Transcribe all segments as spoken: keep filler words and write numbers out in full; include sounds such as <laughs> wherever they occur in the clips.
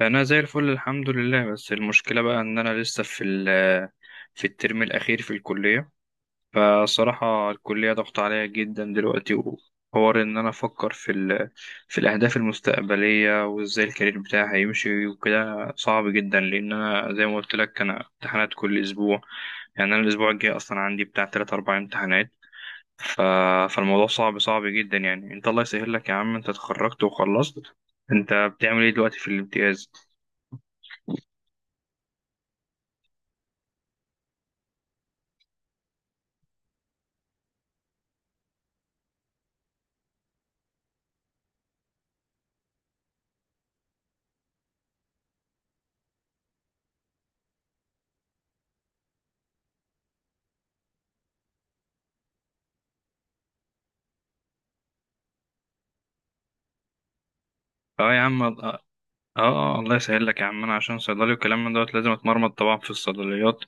انا زي الفل الحمد لله. بس المشكله بقى ان انا لسه في ال- في الترم الاخير في الكليه. فصراحه الكليه ضغط عليا جدا دلوقتي، وحوار ان انا افكر في ال... في الاهداف المستقبليه، وازاي الكارير بتاعي هيمشي وكده، صعب جدا، لان انا زي ما قلت لك، انا امتحانات كل اسبوع. يعني انا الاسبوع الجاي اصلا عندي بتاع ثلاثة أربعة امتحانات. ف... فالموضوع صعب صعب جدا يعني. انت الله يسهل لك يا عم، انت اتخرجت وخلصت، انت بتعمل ايه دلوقتي في الامتياز؟ اه يا عم اه. اه الله يسهل لك يا عم. انا عشان صيدلي وكلام من دوت لازم اتمرمط طبعا في الصيدليات،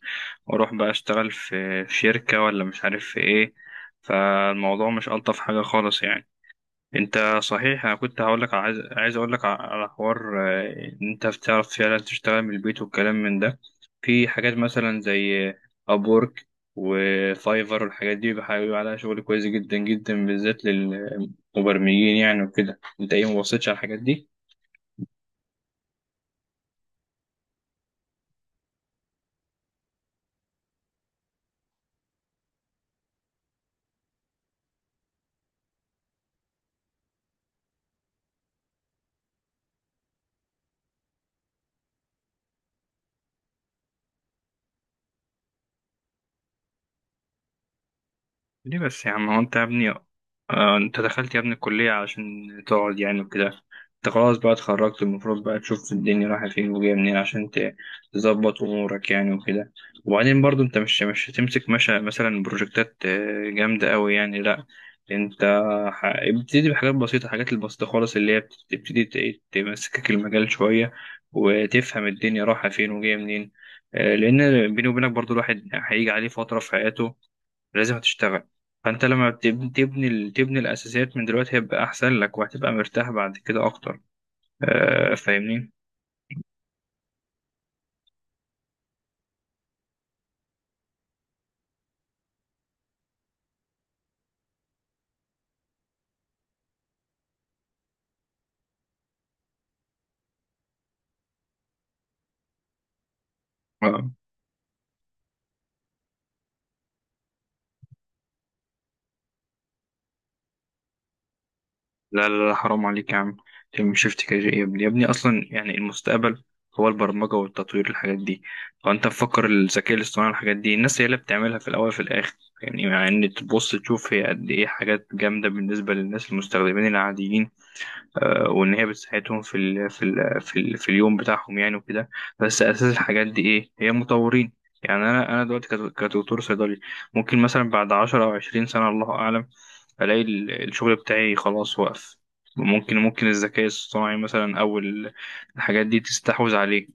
واروح بقى اشتغل في في شركة ولا مش عارف في ايه. فالموضوع مش الطف حاجة خالص يعني. انت صحيح انا كنت هقول لك، عايز عايز اقول لك على حوار، آه، ان انت بتعرف فعلا تشتغل من البيت والكلام من ده. في حاجات مثلا زي ابورك وفايفر والحاجات دي، بيبقى بيبقى عليها شغل كويس جدا جدا بالذات للمبرمجين يعني وكده. انت ايه مبصيتش على الحاجات دي؟ ليه بس يا عم؟ هو انت يا ابني، آه انت دخلت يا ابني الكلية عشان تقعد يعني وكده؟ انت خلاص بقى اتخرجت، المفروض بقى تشوف الدنيا رايحة فين وجاية منين، عشان ت- تظبط امورك يعني وكده. وبعدين برضو انت مش مش هتمسك مشا مثلا بروجكتات آه، جامدة قوي يعني، لا. انت ح- ابتدي بحاجات بسيطة. الحاجات البسيطة خالص اللي هي بتبتدي ت- تمسكك المجال شوية، وتفهم الدنيا رايحة فين وجاية منين. آه، لأن بيني وبينك برضو، الواحد هيجي عليه فترة في حياته لازم تشتغل. فانت لما بتب- تبني ال- تبني الاساسيات من دلوقتي، هيبقى احسن لك، وهتبقى مرتاح بعد كده اكتر. آه فاهمني. آه. لا لا لا حرام عليك يا عم، تعمل شيفت كارير يا ابني؟ يا ابني اصلا يعني المستقبل هو البرمجه والتطوير، الحاجات دي. فانت مفكر الذكاء الاصطناعي الحاجات دي، الناس هي اللي بتعملها في الاول وفي الاخر. يعني مع ان تبص تشوف هي قد ايه حاجات جامده بالنسبه للناس المستخدمين العاديين، آه، وان هي بتساعدهم في ال في ال في, ال في اليوم بتاعهم يعني وكده. بس اساس الحاجات دي ايه؟ هي مطورين. يعني انا انا دلوقتي كد- كدكتور صيدلي، ممكن مثلا بعد عشرة او عشرين سنة الله اعلم، الاقي ال- الشغل بتاعي خلاص وقف. ممكن ممكن الذكاء الصناعي مثلا او ال- الحاجات دي تستحوذ عليه.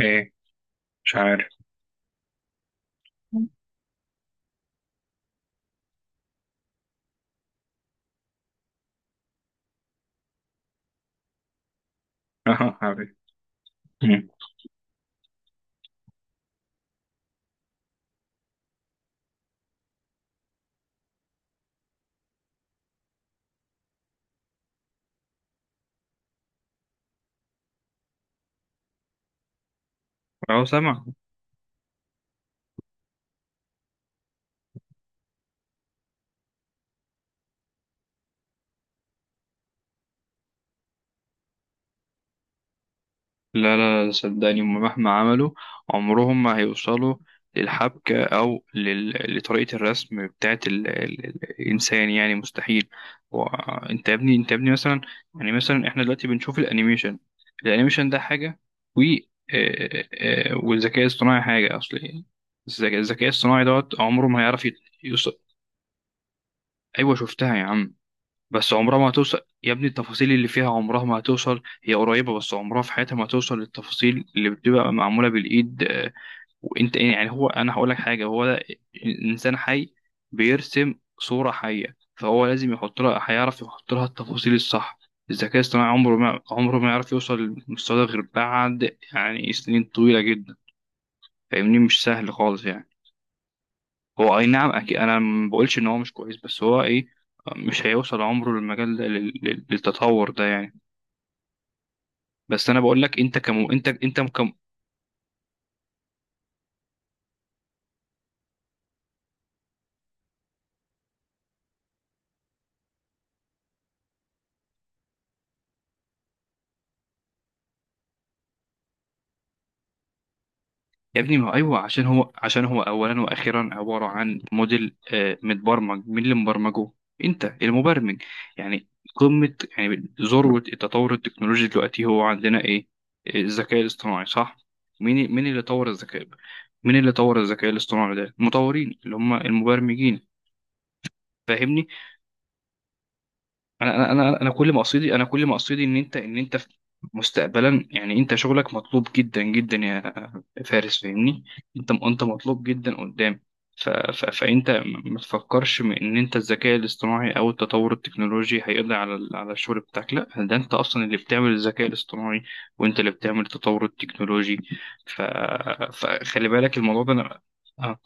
ايه؟ مش عارف. <laughs> اه عارف. أمم. <laughs> اهو سامع. لا لا لا صدقني، هما مهما عملوا عمرهم ما هيوصلوا للحبكة أو لل... لطريقة الرسم بتاعت ال... ال... الإنسان، يعني مستحيل. وأنت يا ابني، أنت يا ابني مثلا، يعني مثلا إحنا دلوقتي بنشوف الأنيميشن الأنيميشن ده حاجة، و آه، آه، والذكاء الصناعي حاجة، أصل إيه؟ الذكاء الذكاء الصناعي دوت عمره ما هيعرف يت- يوصل. أيوة شفتها يا عم، بس عمرها ما هتوصل يا ابني. التفاصيل اللي فيها عمرها ما هتوصل. هي قريبة، بس عمرها في حياتها ما هتوصل للتفاصيل اللي بتبقى معمولة بالإيد. آه، وانت إيه، يعني هو أنا هقول لك حاجة. هو ده إنسان حي بيرسم صورة حية، فهو لازم يحط لها، هيعرف يحط لها التفاصيل الصح. الذكاء الاصطناعي عمره ما عمره ما يعرف يوصل للمستوى ده غير بعد يعني سنين طويلة جدا. فاهمني؟ مش سهل خالص يعني. هو اي نعم اكيد، انا ما بقولش ان هو مش كويس، بس هو ايه؟ مش هيوصل عمره للمجال ده- لل- لل- للتطور ده يعني. بس انا بقول لك انت كم، انت انت كم يا ابني. ما هو ايوه، عشان هو عشان هو اولا واخيرا عباره عن موديل آه، متبرمج. مين اللي مبرمجه؟ انت المبرمج. يعني قمه، يعني ذروه التطور التكنولوجي دلوقتي هو عندنا ايه؟ الذكاء الاصطناعي، صح؟ مين مين اللي طور الذكاء؟ مين اللي طور الذكاء الاصطناعي ده؟ المطورين، اللي هم المبرمجين. فاهمني؟ انا انا انا أنا كل مقصدي، انا كل مقصدي ان انت، ان انت في- مستقبلا، يعني انت شغلك مطلوب جدا جدا يا فارس، فاهمني؟ انت انت مطلوب جدا قدام. ف... ف... فانت م- ما تفكرش م- ان انت الذكاء الاصطناعي او التطور التكنولوجي هيقضي على ال- على الشغل بتاعك، لا. ده انت اصلا اللي بتعمل الذكاء الاصطناعي، وانت اللي بتعمل التطور التكنولوجي. ف... فخلي بالك الموضوع ده. أنا... آه.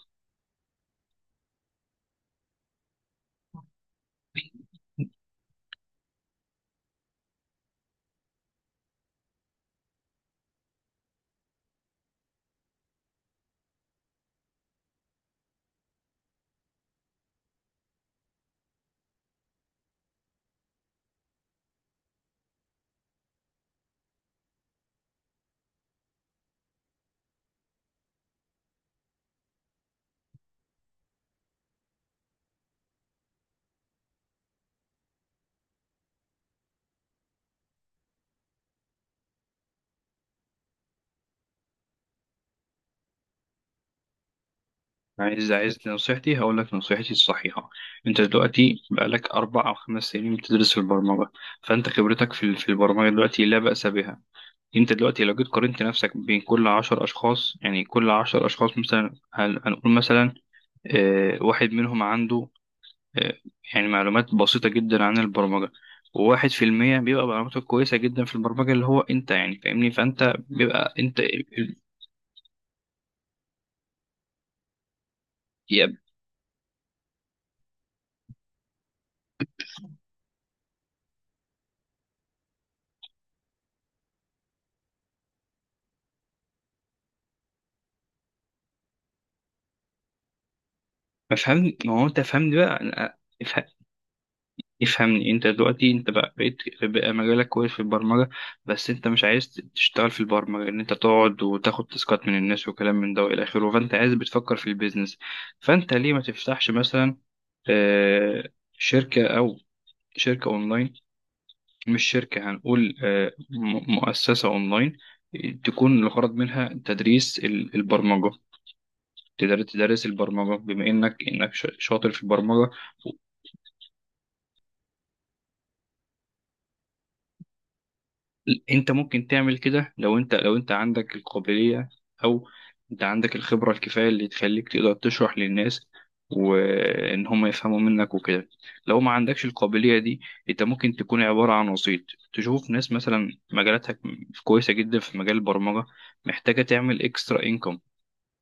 عايز عايز نصيحتي؟ هقول لك نصيحتي الصحيحة. انت دلوقتي بقالك اربع او خمس سنين بتدرس البرمجة، فانت خبرتك في ال- في البرمجة دلوقتي لا بأس بها. انت دلوقتي لو جيت قارنت نفسك بين كل عشر اشخاص، يعني كل عشر اشخاص مثلا، هن- هنقول مثلا آه، واحد منهم عنده آه، يعني معلومات بسيطة جدا عن البرمجة، وواحد في المية بيبقى معلوماته كويسة جدا في البرمجة، اللي هو انت يعني، فاهمني؟ فانت بيبقى انت يا ما فهمني. ما هو انت فهمني بقى. افهمني. انت دلوقتي انت بقى بقيت، بقى مجالك كويس في البرمجة، بس انت مش عايز تشتغل في البرمجة ان انت تقعد وتاخد تاسكات من الناس وكلام من ده والى اخره. فانت عايز، بتفكر في البيزنس. فانت ليه ما تفتحش مثلا آه، شركة، او شركة اونلاين؟ مش شركة، هنقول آه، م- مؤسسة اونلاين، تكون الغرض منها تدريس ال- البرمجة. تقدر تدرس البرمجة بما انك انك ش- شاطر في البرمجة. انت ممكن تعمل كده لو انت، لو انت عندك القابلية، او انت عندك الخبرة الكفاية اللي تخليك تقدر تشرح للناس وان هم يفهموا منك وكده. لو ما عندكش القابلية دي، انت ممكن تكون عبارة عن وسيط. تشوف ناس مثلا مجالاتها كويسة جدا في مجال البرمجة، محتاجة تعمل اكسترا انكم،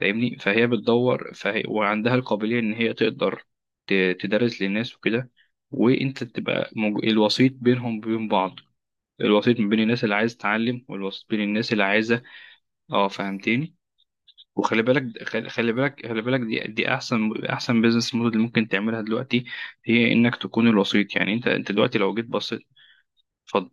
فاهمني؟ فهي بتدور، فهي وعندها القابلية ان هي تقدر ت- تدرس للناس وكده، وانت تبقى موج- الوسيط بينهم وبين بعض. الوسيط ما بين الناس اللي عايز تتعلم، والوسيط بين الناس اللي عايزه. اه فهمتني. وخلي بالك، خلي خلي بالك خلي بالك دي دي احسن احسن بيزنس موديل اللي ممكن تعملها دلوقتي، هي انك تكون الوسيط. يعني انت، انت دلوقتي لو جيت بصيت. اتفضل.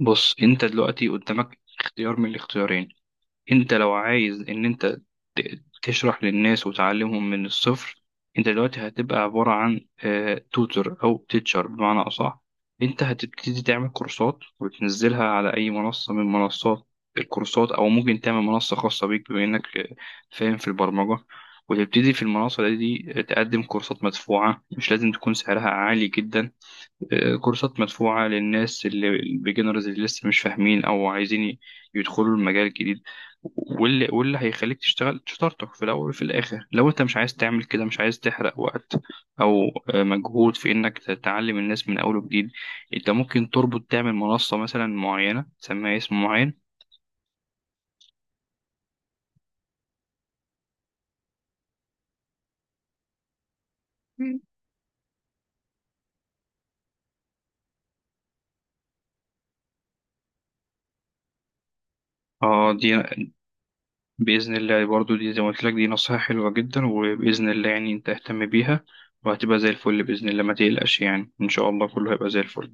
بص، انت دلوقتي قدامك اختيار من الاختيارين. انت لو عايز ان انت ت- تشرح للناس وتعلمهم من الصفر، انت دلوقتي هتبقى عبارة عن توتر، او تيتشر بمعنى اصح. انت هتبتدي تعمل كورسات وتنزلها على اي منصة من منصات الكورسات، او ممكن تعمل منصة خاصة بيك بما انك آه، فاهم في البرمجة، وتبتدي في المنصة دي آه، تقدم كورسات مدفوعة، مش لازم تكون سعرها عالي جدا. كورسات مدفوعة للناس اللي البيجنرز، اللي لسه مش فاهمين أو عايزين ي- يدخلوا المجال الجديد. واللي واللي هيخليك تشتغل شطارتك في الأول وفي الآخر، لو أنت مش عايز تعمل كده، مش عايز تحرق وقت أو آه، مجهود في إنك تتعلم الناس من أول وجديد، أنت ممكن تربط، تعمل منصة مثلا معينة تسميها اسم معين. مم. اه دي بإذن الله، برضو دي زي ما قلت لك، دي نصيحة حلوة جدا، وبإذن الله يعني أنت اهتم بيها وهتبقى زي الفل بإذن الله. ما تقلقش يعني، إن شاء الله كله هيبقى زي الفل.